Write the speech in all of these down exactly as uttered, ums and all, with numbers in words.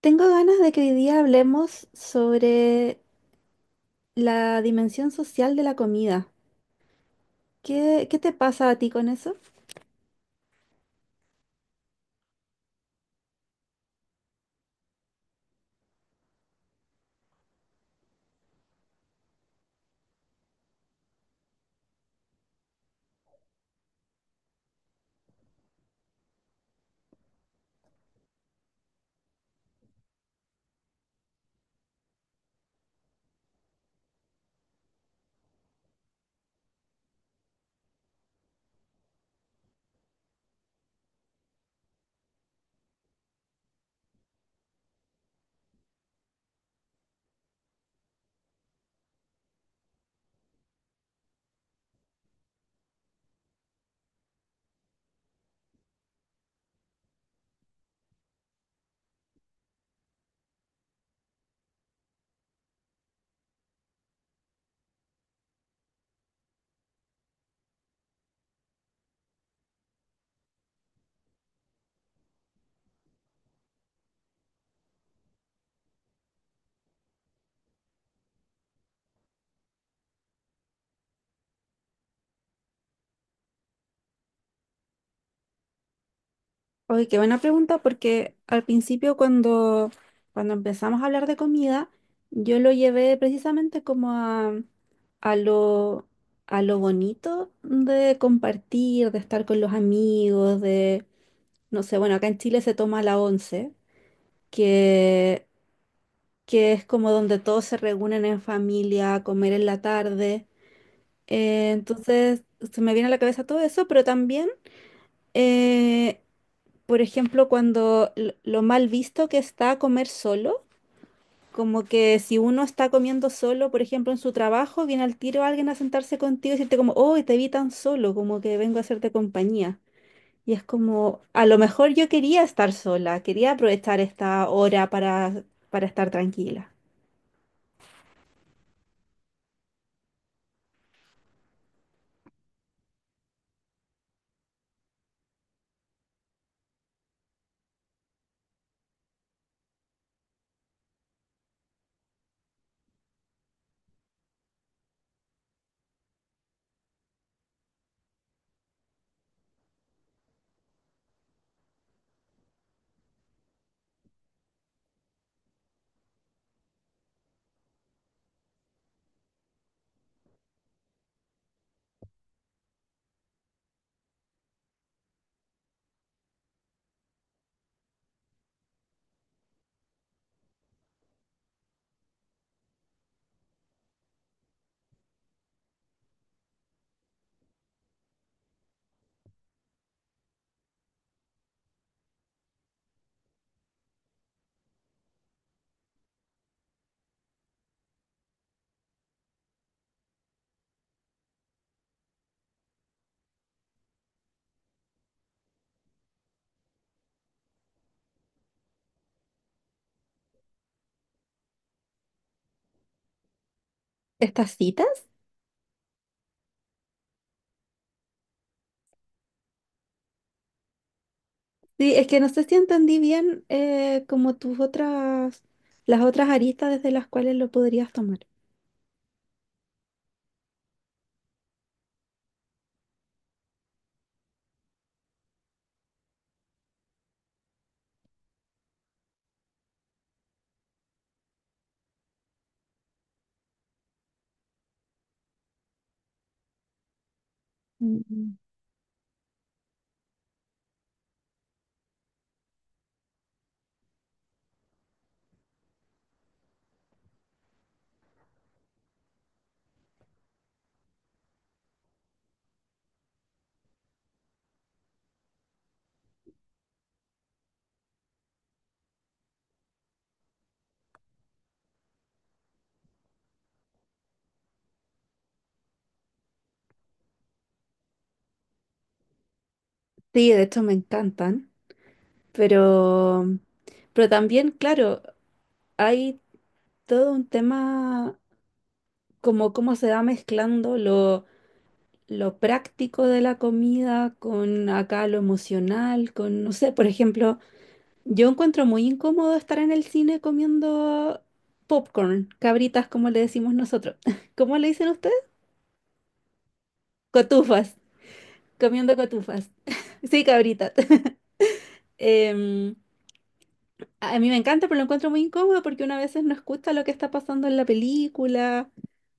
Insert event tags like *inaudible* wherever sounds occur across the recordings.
Tengo ganas de que hoy día hablemos sobre la dimensión social de la comida. ¿Qué, qué te pasa a ti con eso? Oye, qué buena pregunta, porque al principio cuando, cuando empezamos a hablar de comida, yo lo llevé precisamente como a, a lo, a lo bonito de compartir, de estar con los amigos, de, no sé, bueno, acá en Chile se toma la once, que, que es como donde todos se reúnen en familia a comer en la tarde. Eh, entonces, se me viene a la cabeza todo eso, pero también, eh, por ejemplo, cuando l- lo mal visto que está comer solo, como que si uno está comiendo solo, por ejemplo, en su trabajo, viene al tiro alguien a sentarse contigo y decirte como, oh, te vi tan solo, como que vengo a hacerte compañía. Y es como, a lo mejor yo quería estar sola, quería aprovechar esta hora para, para estar tranquila. ¿Estas citas? Sí, es que no sé si entendí bien eh, como tus otras, las otras aristas desde las cuales lo podrías tomar. Mm. Sí, de hecho me encantan, pero, pero también, claro, hay todo un tema como cómo se va mezclando lo, lo práctico de la comida con acá lo emocional, con, no sé, por ejemplo, yo encuentro muy incómodo estar en el cine comiendo popcorn, cabritas como le decimos nosotros. *laughs* ¿Cómo le dicen ustedes? Cotufas, comiendo cotufas. *laughs* Sí, cabritas. *laughs* Em, a a mí me encanta, pero lo encuentro muy incómodo porque uno a veces no escucha lo que está pasando en la película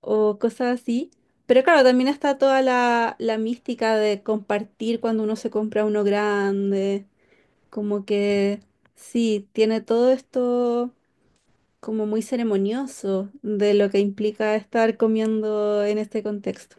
o cosas así. Pero claro, también está toda la, la mística de compartir cuando uno se compra uno grande. Como que sí, tiene todo esto como muy ceremonioso de lo que implica estar comiendo en este contexto.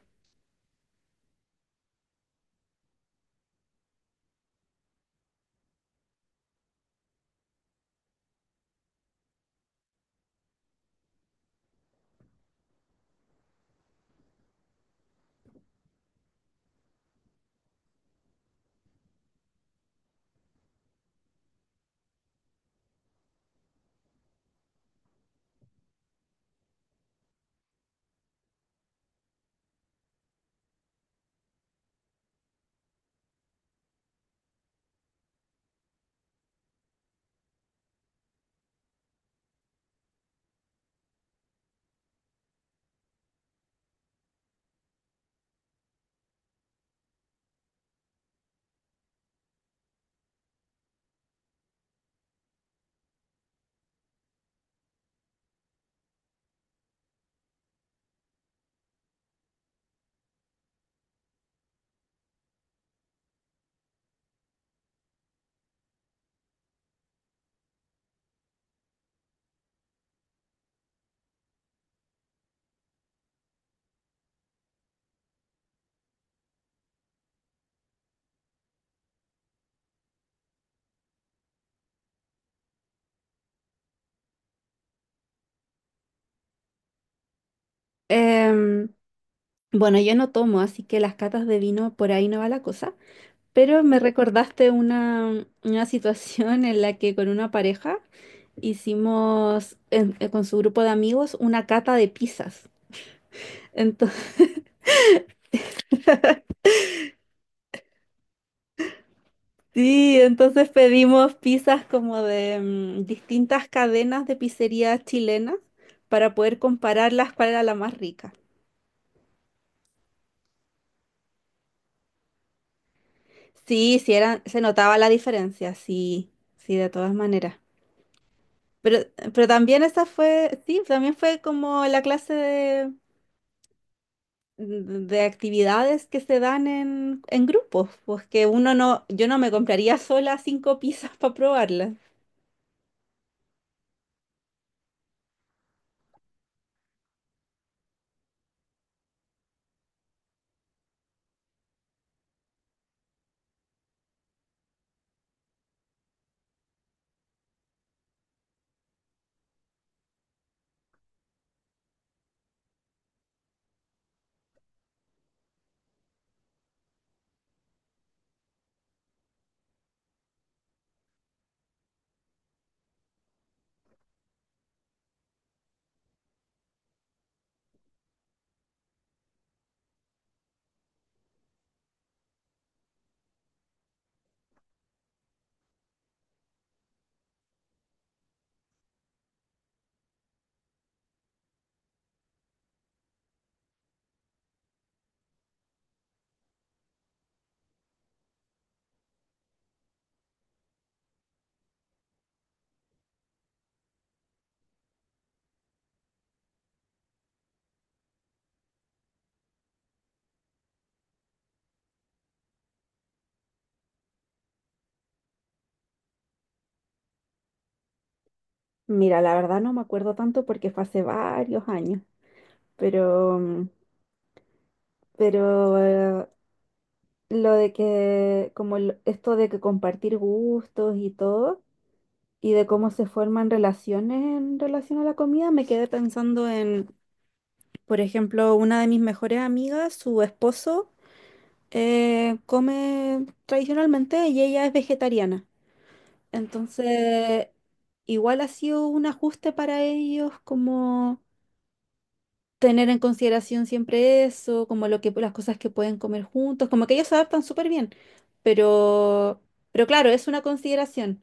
Em, Bueno, yo no tomo, así que las catas de vino por ahí no va la cosa, pero me recordaste una, una situación en la que con una pareja hicimos en- eh, con su grupo de amigos una cata de pizzas. Entonces, *laughs* sí, entonces pedimos pizzas como de mm, distintas cadenas de pizzerías chilenas para poder compararlas cuál era la más rica. Sí, sí eran, se notaba la diferencia, sí, sí, de todas maneras. Pero, pero también esa fue, sí, también fue como la clase de, de actividades que se dan en, en grupos, pues que uno no, yo no me compraría sola cinco pizzas *laughs* para probarlas. Mira, la verdad no me acuerdo tanto porque fue hace varios años, pero, mm, pero eh, lo de que, como lo- esto de que compartir gustos y todo, y de cómo se forman relaciones en relación a la comida, me quedé pensando en. Por ejemplo, una de mis mejores amigas, su esposo, eh, come tradicionalmente y ella es vegetariana. Entonces, igual ha sido un ajuste para ellos como tener en consideración siempre eso, como lo que, las cosas que pueden comer juntos, como que ellos se adaptan súper bien. Pero, pero claro, es una consideración.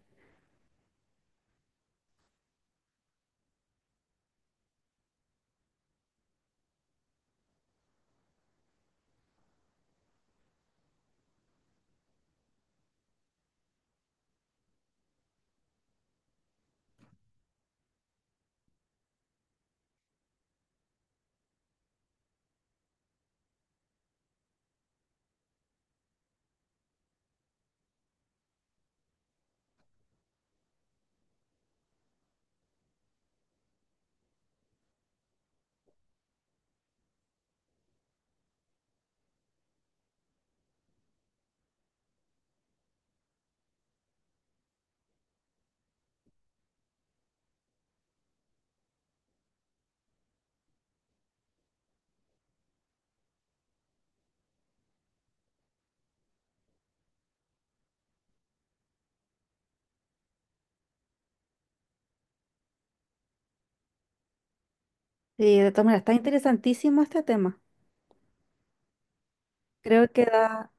Y de todas maneras, está interesantísimo este tema. Creo que da.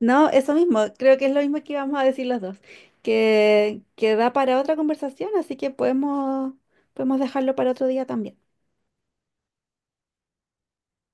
No, eso mismo, creo que es lo mismo que íbamos a decir los dos, que, que da para otra conversación, así que podemos, podemos dejarlo para otro día también.